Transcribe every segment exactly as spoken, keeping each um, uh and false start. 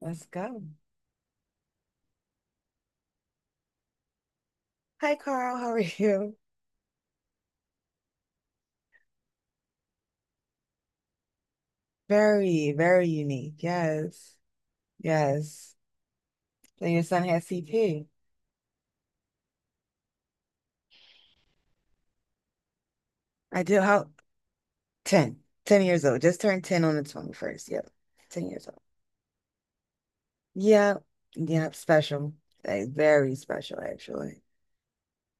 Let's go. Hi, Carl. How are you? Very, very unique. Yes. Yes. And your son has C P. I do. How? ten. ten years old. Just turned ten on the twenty-first. Yep. ten years old. Yeah. Yep. Special. Like, very special, actually.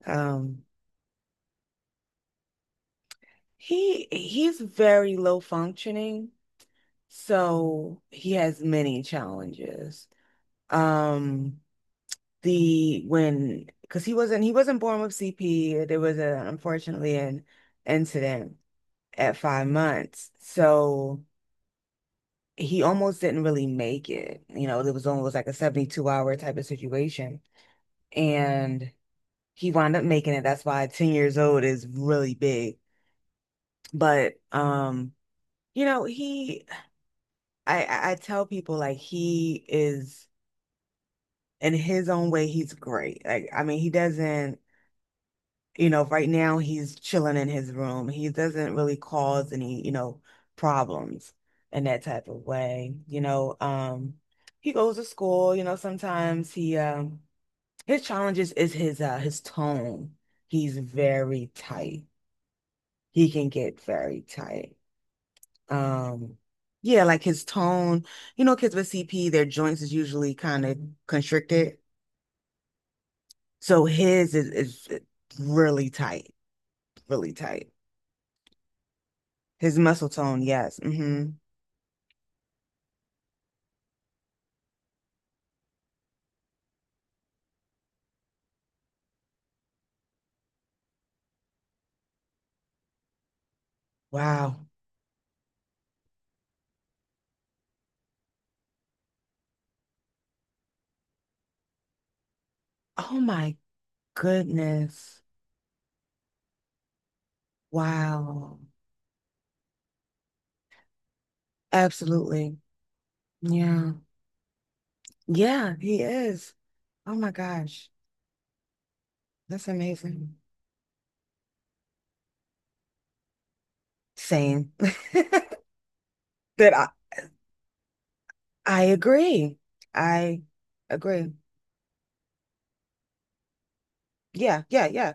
Um, he he's very low functioning, so he has many challenges. Um, the when because he wasn't he wasn't born with C P. There was a unfortunately an incident at five months. So he almost didn't really make it. You know, it was almost like a seventy-two hour type of situation. And he wound up making it. That's why ten years old is really big. But um, you know, he I I I tell people like he is in his own way, he's great. Like, I mean, he doesn't you know, right now he's chilling in his room. He doesn't really cause any, you know, problems in that type of way. You know, um, he goes to school, you know, sometimes he um his challenges is his uh his tone. He's very tight. He can get very tight. Um Yeah, like his tone, you know, kids with C P, their joints is usually kind of constricted. So his is, is really tight, really tight. His muscle tone, yes. Hmm. Wow. Oh my goodness. Wow. Absolutely. Yeah. Yeah, he is. Oh my gosh. That's amazing. Same. That I, I agree. I agree. Yeah, yeah, yeah.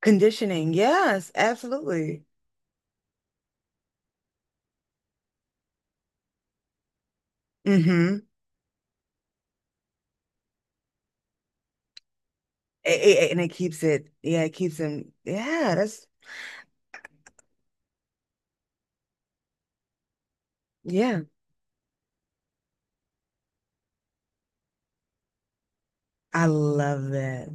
Conditioning. Yes, absolutely. Mm-hmm. And it keeps it, yeah, it keeps him. Yeah, that's, yeah. I love that.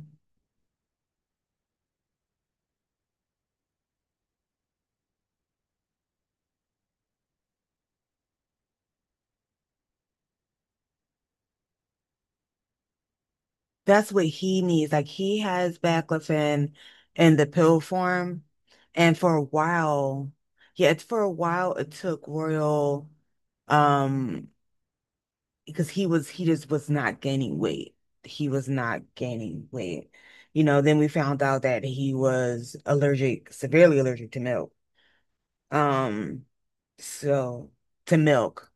That's what he needs. Like he has baclofen in the pill form, and for a while, yeah, it's for a while it took Royal, um, because he was he just was not gaining weight. He was not gaining weight. You know, then we found out that he was allergic, severely allergic to milk. Um, so to milk.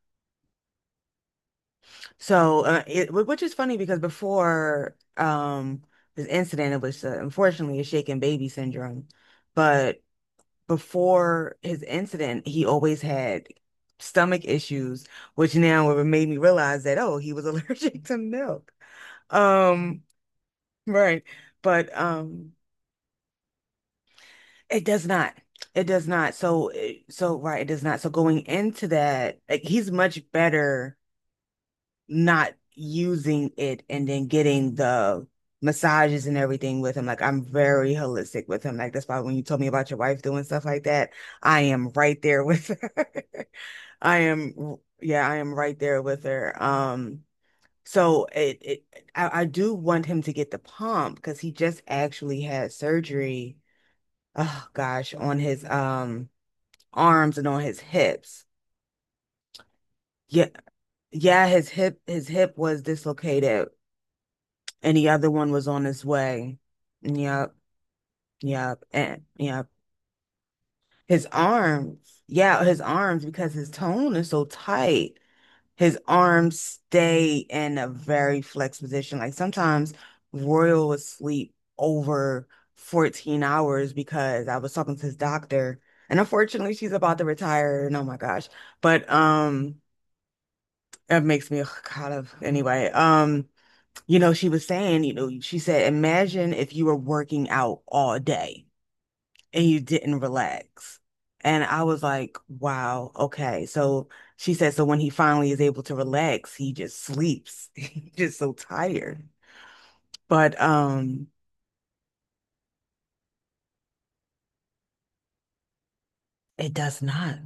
So, uh, it, wh- which is funny because before um, this incident, it was uh, unfortunately a shaken baby syndrome. But before his incident, he always had stomach issues, which now would- made me realize that, oh, he was allergic to milk. Um, right. But um, it does not. It does not. So, it- so right, it does not. So going into that, like he's much better not using it and then getting the massages and everything with him. Like I'm very holistic with him. Like that's why when you told me about your wife doing stuff like that, I am right there with her. I am, yeah, I am right there with her. Um, so it, it I, I do want him to get the pump because he just actually had surgery. Oh gosh, on his um arms and on his hips. Yeah, yeah, his hip his hip was dislocated and the other one was on his way. Yep, yep, and yep. His arms, yeah, his arms, because his tone is so tight, his arms stay in a very flexed position. Like sometimes Royal would sleep over fourteen hours because I was talking to his doctor, and unfortunately she's about to retire, and oh my gosh. But um it makes me ugh, kind of anyway. Um You know, she was saying, you know, she said, imagine if you were working out all day and you didn't relax. And I was like, wow, okay. So she said, so when he finally is able to relax, he just sleeps. He's just so tired. But um, it does not.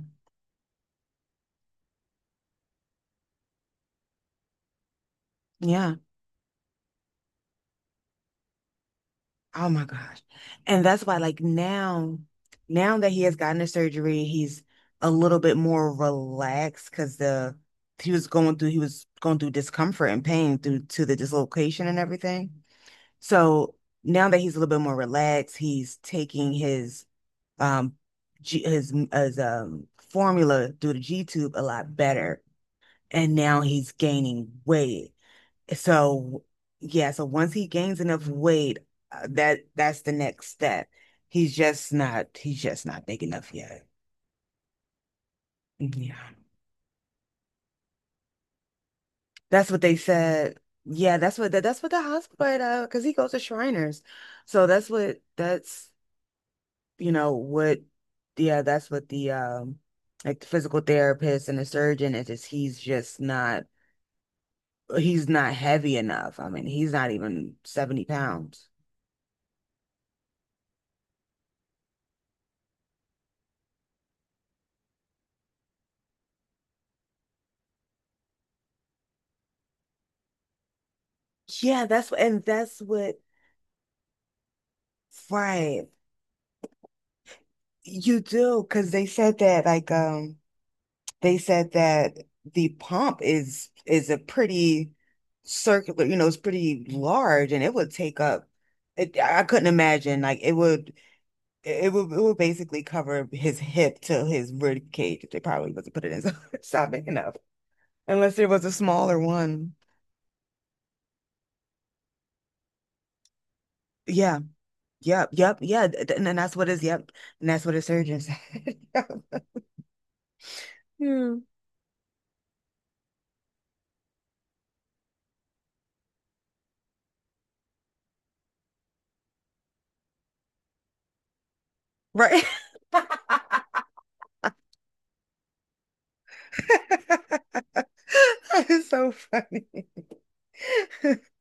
Yeah. Oh my gosh. And that's why, like now, now that he has gotten the surgery, he's a little bit more relaxed because the he was going through he was going through discomfort and pain through to the dislocation and everything. So now that he's a little bit more relaxed, he's taking his um G, his his um formula through the G tube a lot better, and now he's gaining weight. So yeah, so once he gains enough weight, uh, that that's the next step. He's just not he's just not big enough yet. Yeah. That's what they said. Yeah, that's what that, that's what the hospital uh because he goes to Shriners. So that's what that's you know what yeah, that's what the um like the physical therapist and the surgeon is just he's just not he's not heavy enough. I mean, he's not even seventy pounds. Yeah, that's what and that's what Right. You do, because they said that like um they said that the pump is is a pretty circular, you know, it's pretty large and it would take up it, I couldn't imagine like it would it would it would basically cover his hip to his rib cage if they probably wasn't put it in so it's not big enough. Unless there was a smaller one. Yeah. Yep. Yep. Yeah. th- th- And that's what is yep. And that's what a surgeon said. Yeah. Right. That is so funny.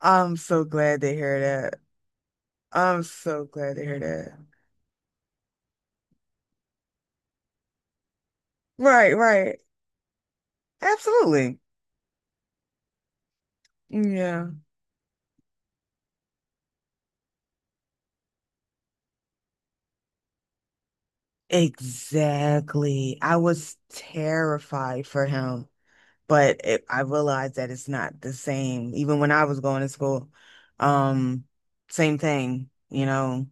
I'm so glad to hear that. I'm so glad to hear that. Right, right. Absolutely. Yeah. Exactly. I was terrified for him, but it, I realized that it's not the same. Even when I was going to school, um, same thing, you know.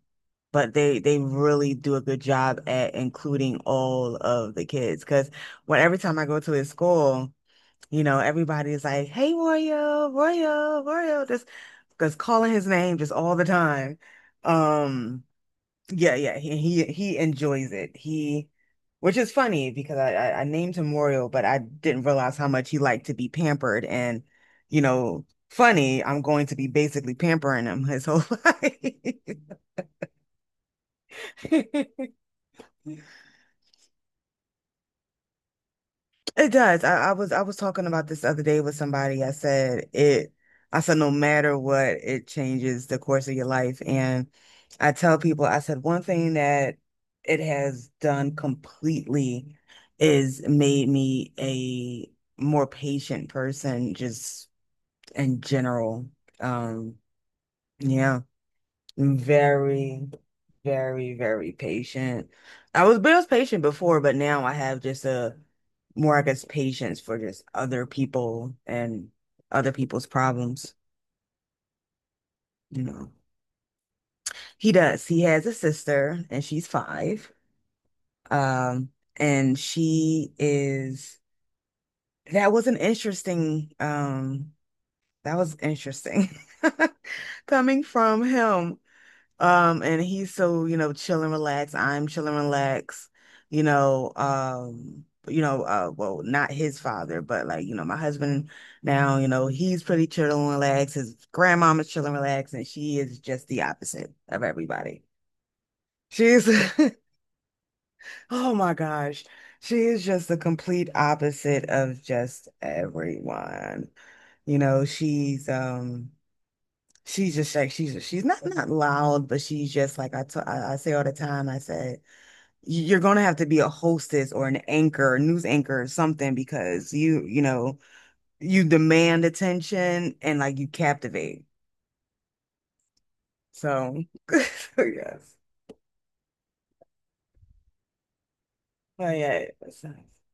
But they they really do a good job at including all of the kids. Because when every time I go to his school. You know, everybody's like, hey, Royo, Royo, Royo, just because calling his name just all the time. Um, yeah, yeah, he he, he enjoys it. He, which is funny because I, I I named him Royo, but I didn't realize how much he liked to be pampered. And, you know, funny, I'm going to be basically pampering him his whole life. It does. I, I was I was talking about this the other day with somebody. I said it. I said no matter what, it changes the course of your life. And I tell people, I said one thing that it has done completely is made me a more patient person, just in general. Um, yeah. Very, very, very patient. I was, but I was patient before, but now I have just a more, I guess, patience for just other people and other people's problems, you know. He does. He has a sister and she's five. Um, and she is, that was an interesting, um, that was interesting coming from him. Um, and he's so, you know, chill and relax. I'm chill and relax, you know, um, you know, uh, well, not his father, but like, you know, my husband now, you know, he's pretty chill and relaxed. His grandmama's chill and relaxed, and she is just the opposite of everybody. She's, oh my gosh, she is just the complete opposite of just everyone. You know, she's um she's just like she's she's not not loud, but she's just like I t- I I say all the time. I said you're gonna have to be a hostess or an anchor, news anchor or something because you you know you demand attention and like you captivate. So yes, but yeah, it's nice.